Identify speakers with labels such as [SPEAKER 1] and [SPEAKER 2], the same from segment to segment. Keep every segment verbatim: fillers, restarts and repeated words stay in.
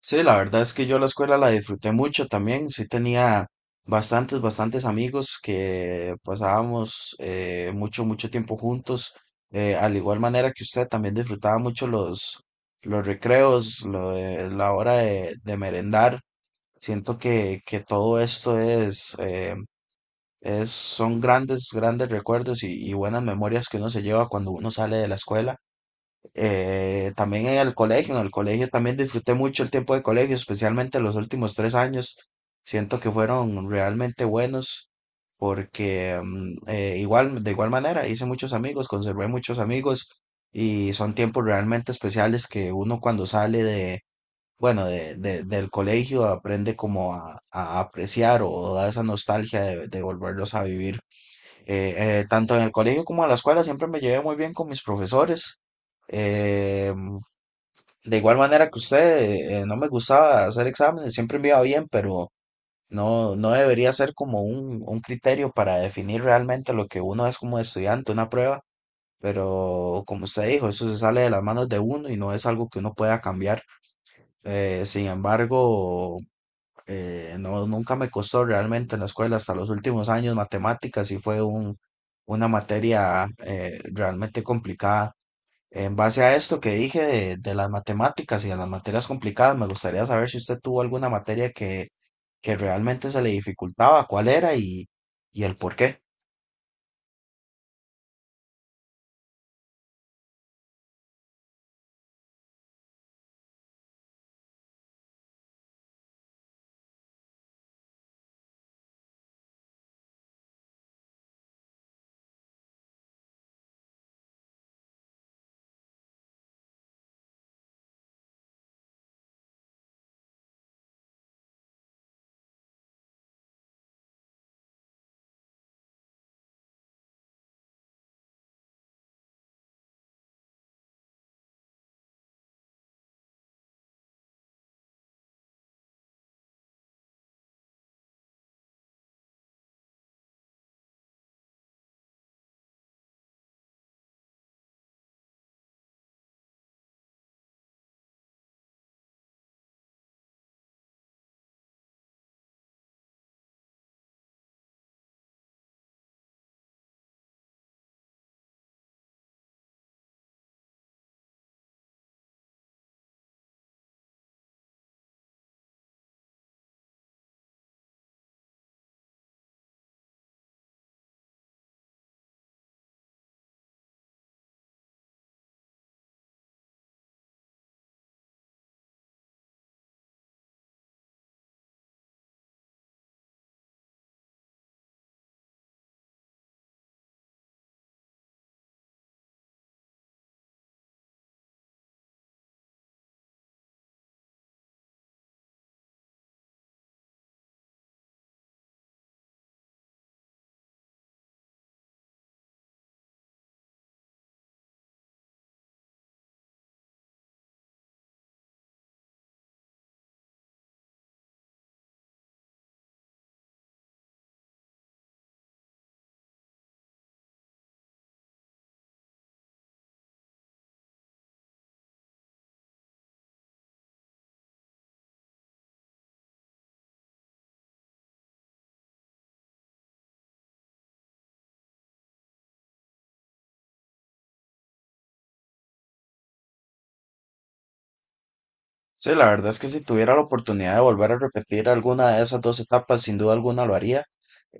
[SPEAKER 1] Sí, la verdad es que yo la escuela la disfruté mucho también. Sí tenía bastantes, bastantes amigos que pasábamos eh, mucho, mucho tiempo juntos. Eh, al igual manera que usted también disfrutaba mucho los, los recreos, lo de- la hora de, de merendar. Siento que, que todo esto es, eh, es, son grandes, grandes recuerdos y, y buenas memorias que uno se lleva cuando uno sale de la escuela. Eh, también en el colegio, en el colegio también disfruté mucho el tiempo de colegio, especialmente los últimos tres años. Siento que fueron realmente buenos porque mm, eh, igual, de igual manera hice muchos amigos, conservé muchos amigos y son tiempos realmente especiales que uno cuando sale de, bueno, de, de- del colegio aprende como a, a apreciar o da esa nostalgia de, de volverlos a vivir. Eh, eh, tanto en el colegio como en la escuela siempre me llevé muy bien con mis profesores. Eh, de igual manera que usted, eh, no me gustaba hacer exámenes, siempre me iba bien, pero no, no debería ser como un, un criterio para definir realmente lo que uno es como estudiante, una prueba. Pero como usted dijo, eso se sale de las manos de uno y no es algo que uno pueda cambiar. Eh, sin embargo, eh, no, nunca me costó realmente en la escuela hasta los últimos años. Matemáticas y fue un, una materia eh, realmente complicada. En base a esto que dije de, de las matemáticas y de las materias complicadas, me gustaría saber si usted tuvo alguna materia que, que realmente se le dificultaba, cuál era y, y el por qué. Sí, la verdad es que si tuviera la oportunidad de volver a repetir alguna de esas dos etapas, sin duda alguna lo haría.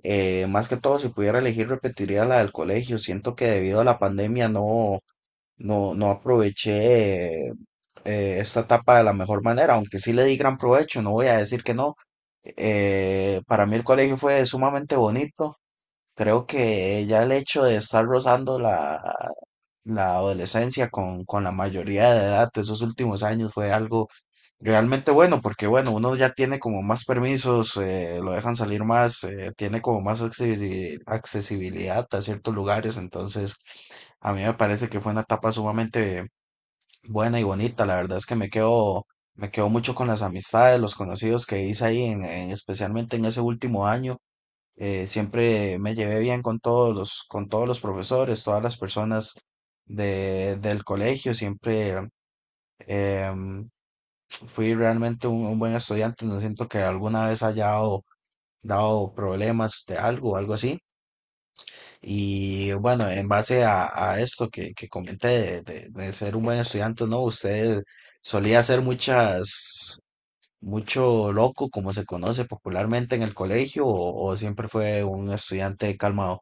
[SPEAKER 1] Eh, más que todo, si pudiera elegir, repetiría la del colegio. Siento que debido a la pandemia no, no, no aproveché eh, esta etapa de la mejor manera, aunque sí le di gran provecho, no voy a decir que no. Eh, para mí el colegio fue sumamente bonito. Creo que ya el hecho de estar rozando la, la adolescencia con, con la mayoría de edad de esos últimos años fue algo realmente bueno, porque bueno, uno ya tiene como más permisos, eh, lo dejan salir más, eh, tiene como más accesibili- accesibilidad a ciertos lugares, entonces a mí me parece que fue una etapa sumamente buena y bonita, la verdad es que me quedo, me quedo mucho con las amistades, los conocidos que hice ahí, en, en- especialmente en ese último año. Eh, siempre me llevé bien con todos los, con todos los profesores, todas las personas de, del colegio. Siempre em, fui realmente un, un buen estudiante. No siento que alguna vez haya dado, dado problemas de algo o algo así. Y bueno, en base a, a esto que, que comenté de, de- de ser un buen estudiante, ¿no? Usted solía hacer muchas, mucho loco, como se conoce popularmente en el colegio, o, o siempre fue un estudiante calmado.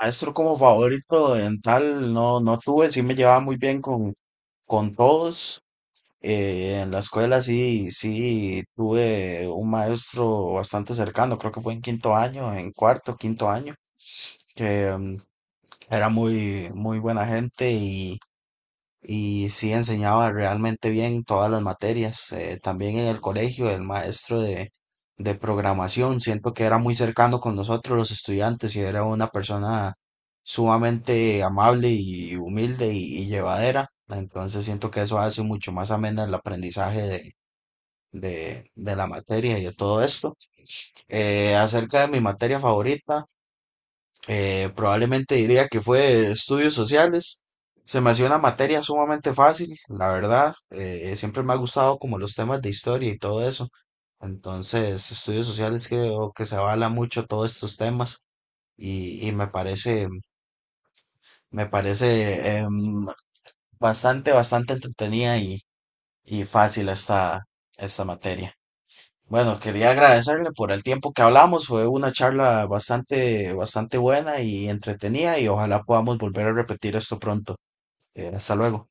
[SPEAKER 1] Maestro como favorito en tal, no, no tuve, sí me llevaba muy bien con, con todos. eh, en la escuela sí, sí tuve un maestro bastante cercano, creo que fue en quinto año, en cuarto, quinto año que mm, era muy, muy buena gente y, y sí enseñaba realmente bien todas las materias. Eh, también en el colegio, el maestro de, de programación, siento que era muy cercano con nosotros los estudiantes y era una persona sumamente amable y humilde y, y llevadera. Entonces siento que eso hace mucho más amena el aprendizaje de, de, de la materia y de todo esto. Eh, acerca de mi materia favorita. Eh, probablemente diría que fue estudios sociales. Se me hacía una materia sumamente fácil, la verdad. eh, siempre me ha gustado como los temas de historia y todo eso. Entonces, estudios sociales creo que se avala mucho todos estos temas y, y me parece, me parece em, bastante, bastante entretenida y, y fácil esta, esta materia. Bueno, quería agradecerle por el tiempo que hablamos. Fue una charla bastante, bastante buena y entretenida y ojalá podamos volver a repetir esto pronto. Eh, hasta luego.